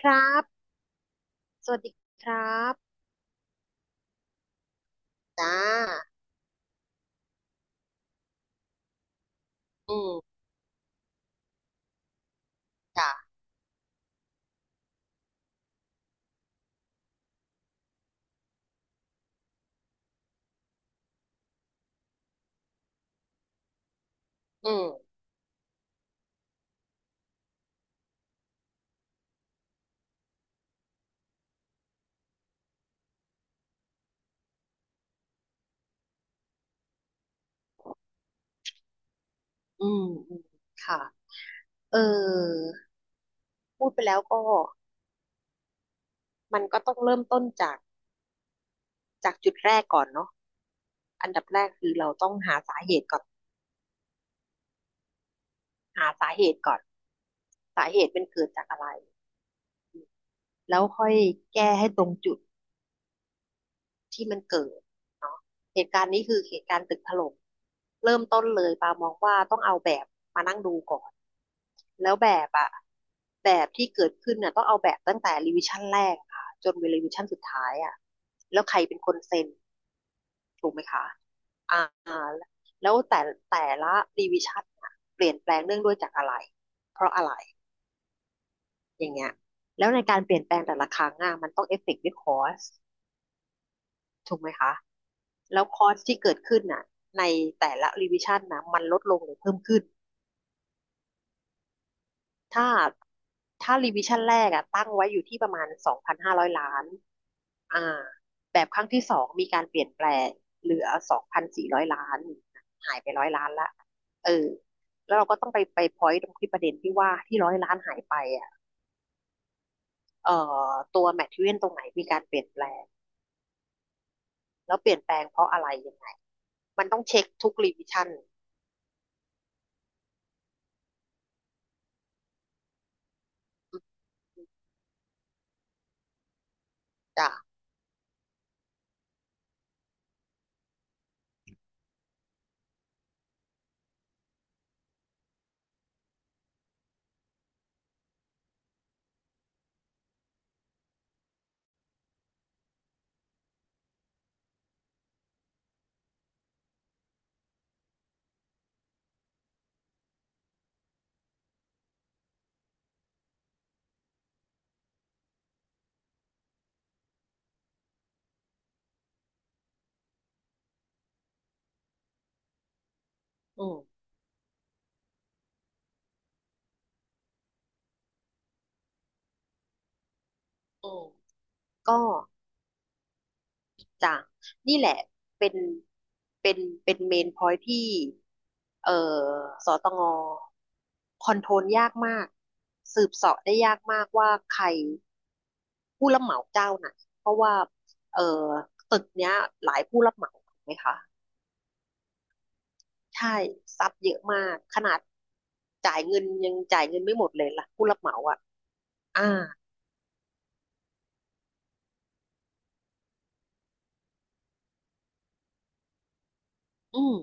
ครับ สวัสดีครับจ้าอืมจ้าอืมอืมอืมค่ะ เออ พูดไปแล้วก็ มันก็ต้องเริ่มต้นจาก จากจุดแรกก่อนเนาะอันดับแรกคือเราต้องหาสาเหตุก่อน หาสาเหตุก่อน สาเหตุเป็นเกิดจากอะไร แล้วค่อยแก้ให้ตรงจุด ที่มันเกิดเนาะเหตุการณ์นี้คือเหตุการณ์ตึกถล่มเริ่มต้นเลยปามองว่าต้องเอาแบบมานั่งดูก่อนแล้วแบบอะแบบที่เกิดขึ้นน่ะต้องเอาแบบตั้งแต่รีวิชั่นแรกค่ะจนไปรีวิชั่นสุดท้ายอะแล้วใครเป็นคนเซ็นถูกไหมคะอ่าแล้วแต่ละรีวิชั่นะเปลี่ยนแปลงเนื่องด้วยจากอะไรเพราะอะไรอย่างเงี้ยแล้วในการเปลี่ยนแปลงแต่ละครั้งอะมันต้องเอฟเฟกต์ด้วยคอส ถูกไหมคะ แล้วคอร์สที่เกิดขึ้นน่ะในแต่ละรีวิชั่นนะมันลดลงหรือเพิ่มขึ้นถ้าถ้ารีวิชั่นแรกอะตั้งไว้อยู่ที่ประมาณ2,500 ล้านอ่าแบบครั้งที่สองมีการเปลี่ยนแปลงเหลือ2,400 ล้านหายไปร้อยล้านละเออแล้วเราก็ต้องไปพอยต์ตรงที่ประเด็นที่ว่าที่ร้อยล้านหายไปอ่ะเอ่อตัวแมทเทอเรียนตรงไหนมีการเปลี่ยนแปลงแล้วเปลี่ยนแปลงเพราะอะไรยังไงมันต้องเช็คทุกรีวิชั่นจ้ะ อืมอืมก็จะนี่แหละเป็นเป็นเป็นเมนพอยที่เอ่อสตงคอนโทรลยากมากสืบเสาะได้ยากมากว่าใครผู้รับเหมาเจ้าไหนเพราะว่าเอ่อตึกเนี้ยหลายผู้รับเหมาถูกไหมคะใช่ซับเยอะมากขนาดจ่ายเงินยังจ่ายเงินไม่หมดเลยล่ะผู้รับเหมาอ่ะอ่าอืม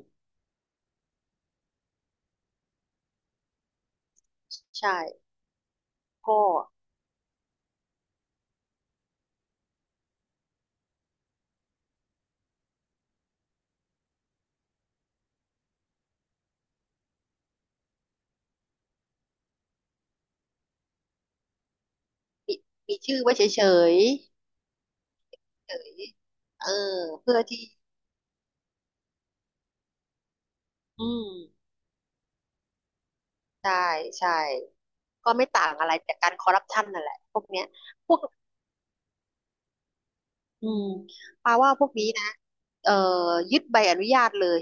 ใช่ก็มีมีชื่อไว้เฉยๆ เฉยเออเพื่อที่อืมใช่ใช่ก็ไม่ต่างอะไรจากการคอร์รัปชันนั่นแหละพวกเนี้ยพวกอืมปาว่าพวกนี้นะเอ่อยึดใบอนุญาตเลย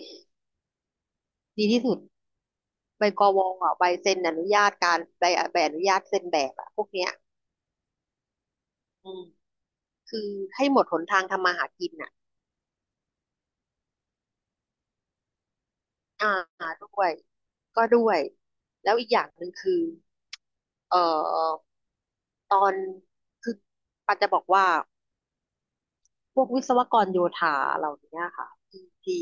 ดีที่สุดใบกวอ่ะใบเซ็นอนุญาตการใบใบอนุญาตเซ็นแบบอ่ะพวกเนี้ยอืมคือให้หมดหนทางทำมาหากินอ่ะอ่าด้วยก็ด้วยแล้วอีกอย่างหนึ่งคือเอ่อตอนคือปาจะบอกว่า พวกวิศวกรโยธาเหล่านี้ค่ะที่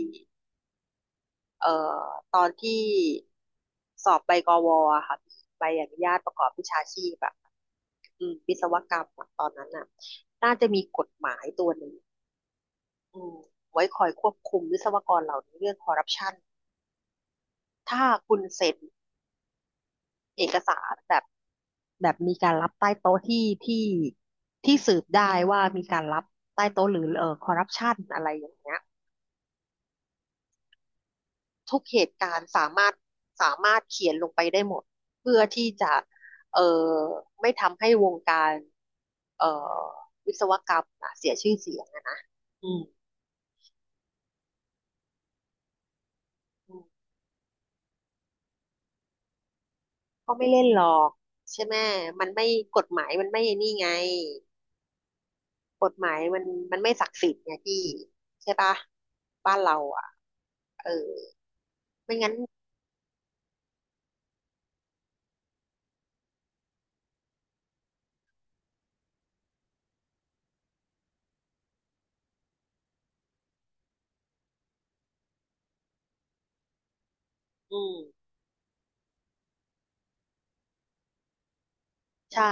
เอ่อตอนที่สอบใบกวอะค่ะใบอนุญาตประกอบวิชาชีพอบบอืมวิศวกรรมอะตอนนั้นน่ะน่าจะมีกฎหมายตัวหนึ่งอืมไว้คอยควบคุมวิศวกรเหล่านี้เรื่องคอร์รัปชันถ้าคุณเซ็นเอกสารแบบมีการรับใต้โต๊ะที่สืบได้ว่ามีการรับใต้โต๊ะหรือเออคอร์รัปชันอะไรอย่างเงี้ย ทุกเหตุการณ์สามารถเขียนลงไปได้หมดเพื่อที่จะเอ่อไม่ทำให้วงการเอ่อวิศวกรรมน่ะเสียชื่อเสียงอะนะอืมอืมก็ไม่เล่นหรอกใช่ไหมมันไม่กฎหมายมันไม่นี่ไงกฎหมายมันไม่ศักดิ์สิทธิ์ไงพี่ใช่ปะบ้านเราอ่ะเออไม่งั้นอืมใช่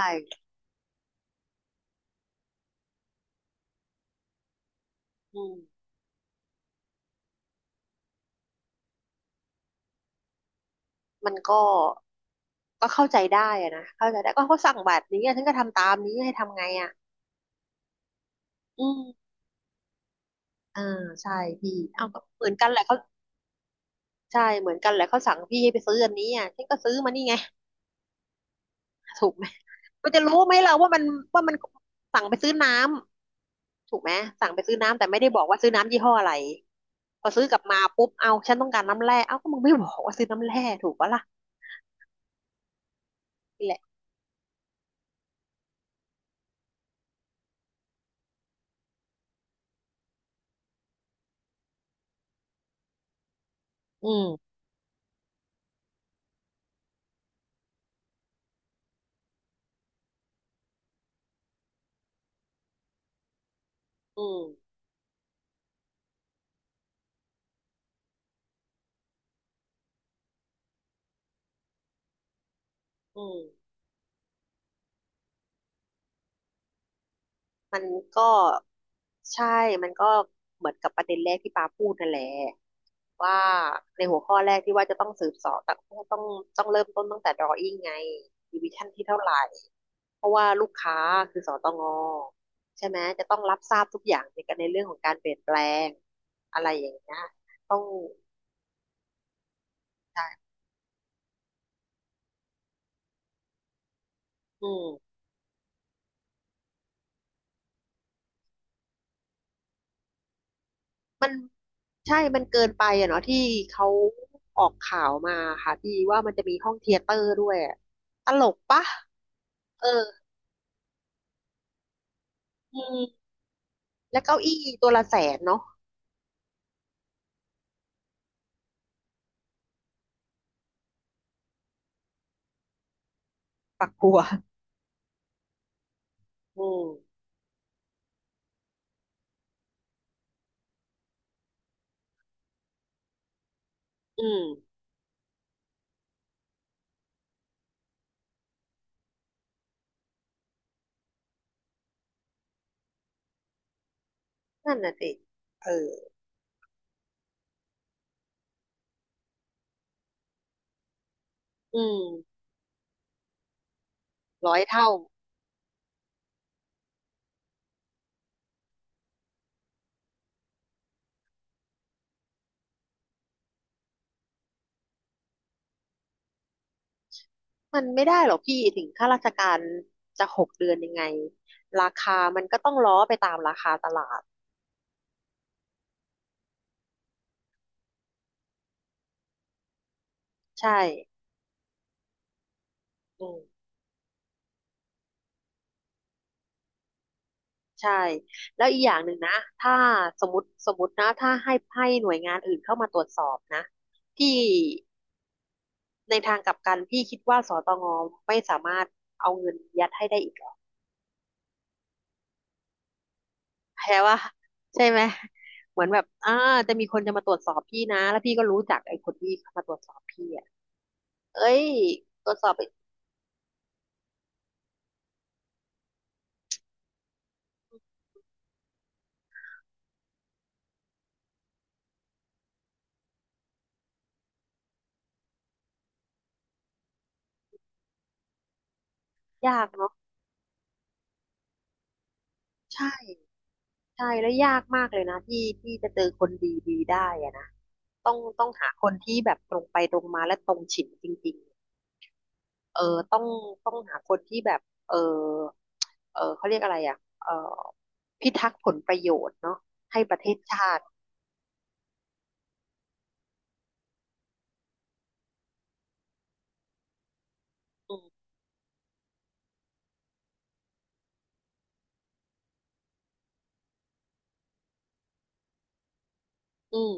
อืมมันก็เข้าใจได้อะนะเข้าใจได้ก็เขาสั่งแบบนี้อะฉันก็ทำตามนี้ให้ทำไงอ่ะ อืมอ่าใช่พี่เอาก็เหมือนกันแหละเขา ใช่ เหมือนกันแหละเขาสั่งพี่ให้ไปซื้ออันนี้อ่ะฉันก็ซื้อมานี่ไง ถูกไหมมันจะรู้ไหมเราว่ามันว่ามันสั่งไปซื้อน้ำถูกไหมสั่งไปซื้อน้ำแต่ไม่ได้บอกว่าซื้อน้ำยี่ห้ออะไรพอซื้อกลับมาปุ๊บเอาฉันต้องการน้ำแร่เอ้าก็มึงไม่บอกว่าซื้อน้ำแร่ถูกปะล่ะนี่แหละอืมอืมอืม มันก็ใช่มันก็เหมือนกับประเด็นแรกที่ปาพูดนั่นแหละว่าในหัวข้อแรกที่ว่าจะต้องสืบเสอบต้องเริ่มต้นตั้งแต่ drawin งไง divisio นที่เท่าไหร่เพราะว่าลูกค้าคือสตงใช่ไหมจะต้องรับทราบทุกอย่างในการในเรื่องของการเปลี่ยนแปลงอะไรอย่างเงี้ยต้องใช่อืมมันใช่มันเกินไปอะเนาะที่เขาออกข่าวมาค่ะพี่ว่ามันจะมีห้องเธียเตอร์ด้วยอะตลกปะเออ อืมแล้วเก้าอี้ตัวละแสนเนาะปักอืมอืมนั่นน่ะสิเอออืมร้อยเท่ามันไม่ได้หรอกพี่ถึงข้าราชการจะหกเดือนยังไงราคามันก็ต้องล้อไปตามราคาตลาดใช่อืมใช่แล้วอีกอย่างหนึ่งนะถ้าสมมตินะถ้าให้หน่วยงานอื่นเข้ามาตรวจสอบนะพี่ในทางกลับกันพี่คิดว่าสตงไม่สามารถเอาเงินยัดให้ได้อีก แพ้ว่าใช่ไหมเหมือนแบบจะมีคนจะมาตรวจสอบพี่นะแล้วพี่ก็รู้จักไอ้คนที่มาตรวจสอบพี่อ่ะเอ้ยตรวจสอบไปยากเนาะใช่ใช่แล้วยากมากเลยนะที่จะเจอคนดีดีได้อะนะต้องหาคนที่แบบตรงไปตรงมาและตรงฉินจริงๆเออต้องต้องหาคนที่แบบเออเออเขาเรียกอะไรอ่ะเออพิทักษ์ผลประโยชน์เนาะให้ประเทศชาติอืมอืม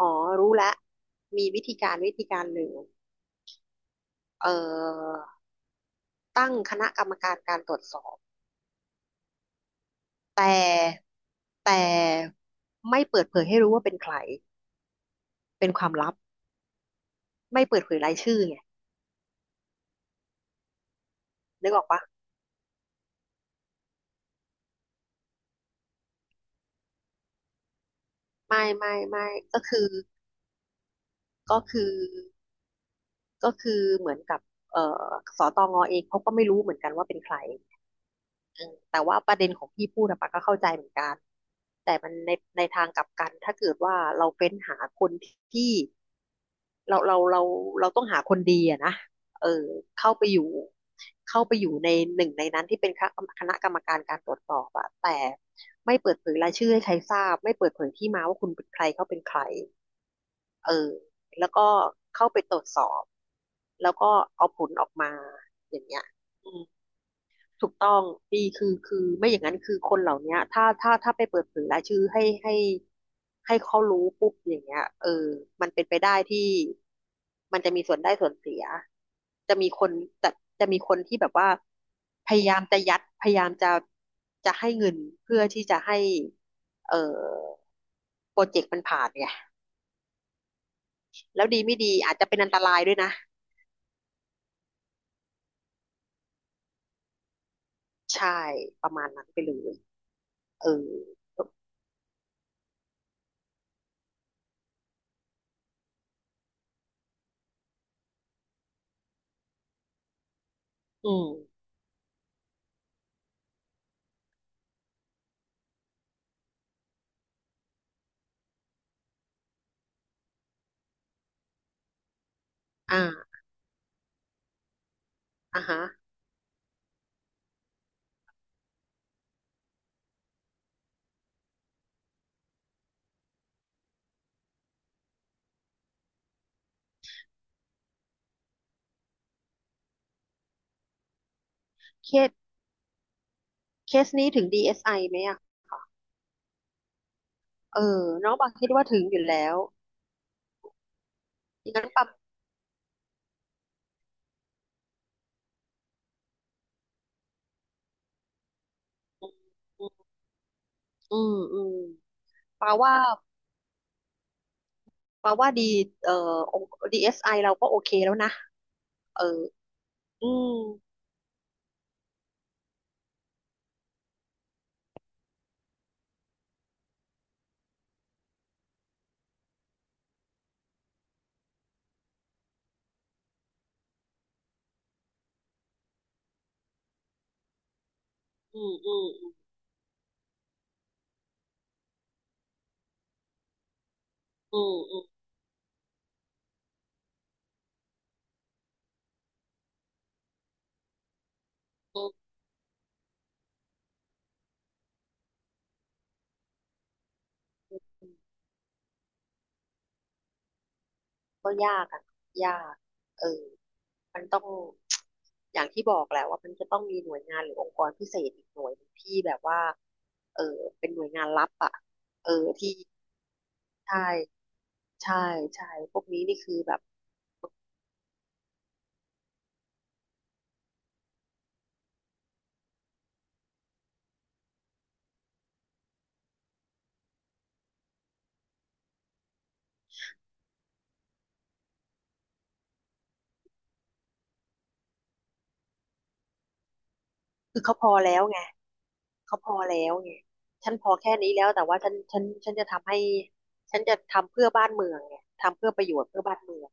อ๋อรู้แล้ว มีวิธีการวิธีการหนึ่งเอ่อตั้งคณะกรรมการการตรวจสอบแต่แต่ไม่เปิดเผยให้รู้ว่าเป็นใครเป็นความลับไม่เปิดเผยรายชื่อไงนึกออกปะไม่ไม่ไม่ก็คือก็คือก็คือเหมือนกับเอ่อสตงเองเขาก็ไม่รู้เหมือนกันว่าเป็นใครอืมแต่ว่าประเด็นของพี่พูดอะปะก็เข้าใจเหมือนกันแต่มันในในทางกลับกันถ้าเกิดว่าเราเฟ้นหาคนที่ เราเราเราเราต้องหาคนดีอะนะเออเข้าไปอยู่เข้าไปอยู่ในหนึ่งในนั้นที่เป็นคณะกรรมการการตรวจสอบอะแต่ไม่เปิดเผยรายชื่อให้ใครทราบไม่เปิดเผยที่มาว่าคุณเป็นใครเขาเป็นใครเออแล้วก็เข้าไปตรวจสอบแล้วก็เอาผลออกมาอย่างเงี้ยอืม ถูกต้องดีคือไม่อย่างนั้นคือคนเหล่าเนี้ยถ้าไปเปิดเผยรายชื่อให้เขารู้ปุ๊บอย่างเงี้ยเออมันเป็นไปได้ที่มันจะมีส่วนได้ส่วนเสียจะมีคนจะจะมีคนที่แบบว่าพยายามจะยัดพยายามจะให้เงินเพื่อที่จะให้เออโปรเจกต์มันผ่านไงแล้วดีไม่ดีอาจจะเป็นอันตรายด้วยนะใช่ประมาณนั้นไปเลยเอออืมอ่าอ่าฮะเครียด เคสนี้ถึง DSI ไอไหมอ่ะเออน้องปาคิดว่าถึงอยู่แล้วงั้นปาอืมอืมปาว่าปาว่าดีองค์ DSI เอสไอเราก็โอเคแล้วนะ เอออืมอืมอืมอืมอืมอืมอืมก็ยากอ่ะยากเออมันต้อง อย่างที่บอกแหละว่ามันจะต้องมีหน่วยงานหรือองค์กรพิเศษอีกหน่วยหนึ่งที่แบบว่า เออเป็นหน่วยงานลับอ่ะ เออที่ใช่ใช่ใช่พวกนี้นี่คือแบบ คือเขาพอแล้วไงเขาพอแล้วไงฉันพอแค่นี้แล้วแต่ว่าฉันจะทำให้ฉันจะทำเพื่อบ้านเมืองไงทำเพื่อประโยชน์เพื่อบ้านเมือง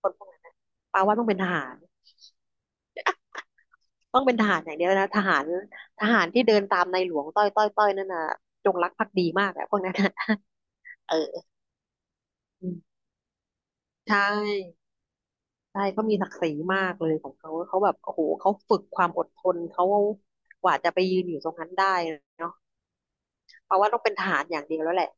คนพวกนั้นนะปาว่าต้องเป็นทหารต้องเป็นทหารอย่างเดียวนะทหารทหารที่เดินตามในหลวงต้อยต้อยต้อยนั่นน่ะจงรักภักดีมากอะพวกนั้นนะ เอออืมใช่ใช่เขามีศักดิ์ศรีมากเลยของเขาเขาแบบโอ้โหเขาฝึกความอดทนเขากว่าจะไปยืนอยู่ตรงนั้นได้เนาะเพราะว่าต้องเป็นทหารอย่างเดียวแล้วแหละ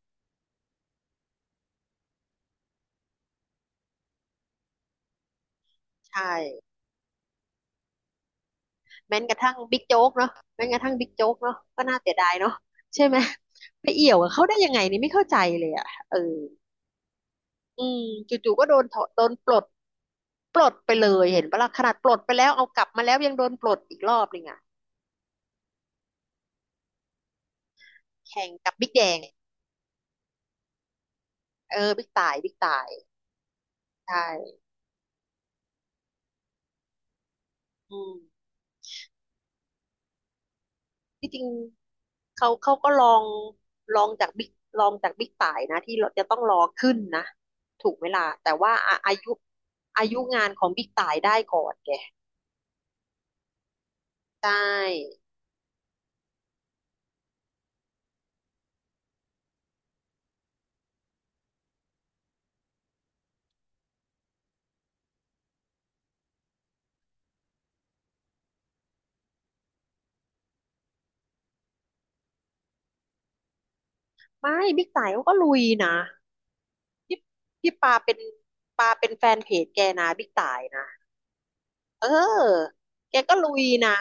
ใช่ แม้กระทั่งบิ๊กโจ๊กเนาะแม้กระทั่งบิ๊กโจ๊กเนาะก็น่าเสียดายเนาะใช่ไหมไปเอี่ยวกับเขาได้ยังไงนี่ไม่เข้าใจเลยอ่ะเอออืมจู่ๆก็โดนถอดโดนปลดปลดไปเลยเห็นปะล่ะขนาดปลดไปแล้วเอากลับมาแล้วยังโดนปลดอีกรอบหนึ่งอ่ะแข่งกับบิ๊กแดงเออบิ๊กต่ายบิ๊กต่ายใช่อืมที่จริงเขาเขาก็ลองลองจากบิ๊กลองจากบิ๊กต่ายนะที่เราจะต้องรอขึ้นนะถูกเวลาแต่ว่าอะอายุอายุงานของบิ๊กต่ายได้ก่อนแก ใช่ไม่บิ๊กต่ายเขาก็ลุยนะพี่พี่ปาเป็นปาเป็นแฟนเพจแกนะบิ๊กต่ายนะเออแกก็ลุยนะ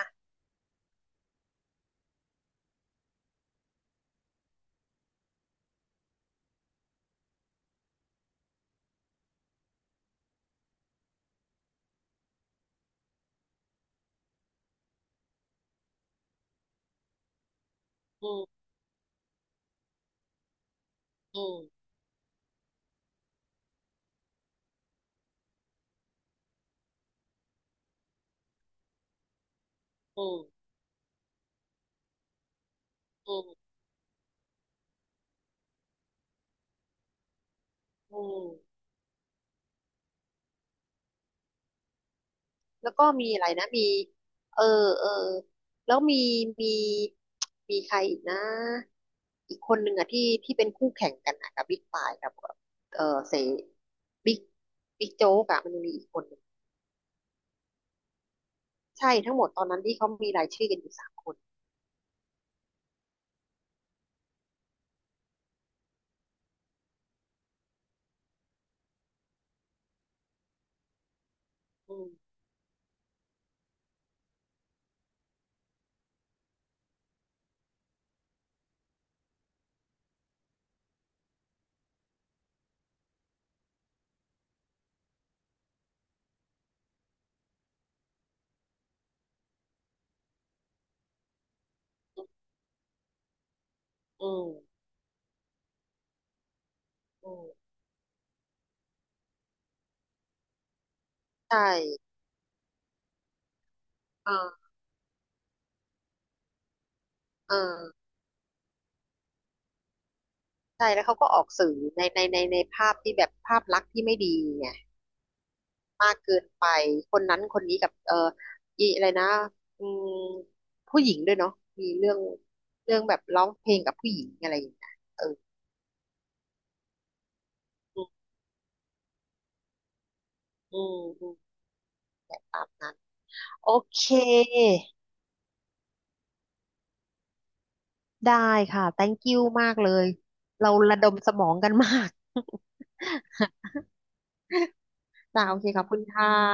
อืมอืมอืมอืมอืมแล้วก็มีอะไรนะมีเออเออแล้วมีมีใครอีกนะอีกคนหนึ่งอะที่เป็นคู่แข่งกันอะกับบิ๊กปายกับเออเสบิ๊กบิ๊กโจ๊กอะมันมีอีกคนหนึ่งใช่ทั้งหมดตอนนั้นที่เขามีรายชื่อกันอยู่สามคนอืมอืม อืมใช่เออเออใช่แล้วเขาก็ออกสื่อในภาพที่แบบภาพลักษณ์ที่ไม่ดีไงมากเกินไป คนนั้นคนนี้กับเอออีอะไรนะอืมผู้หญิงด้วยเนาะมีเรื่องเรื่องแบบร้องเพลงกับผู้หญิงอะไรอย่างเงี้ยเอออืมอืมอืมตามนั้นโอเคได้ค่ะ thank you มากเลยเราระดมสมองกันมาก จ้าโอเคขอบคุณค่ะ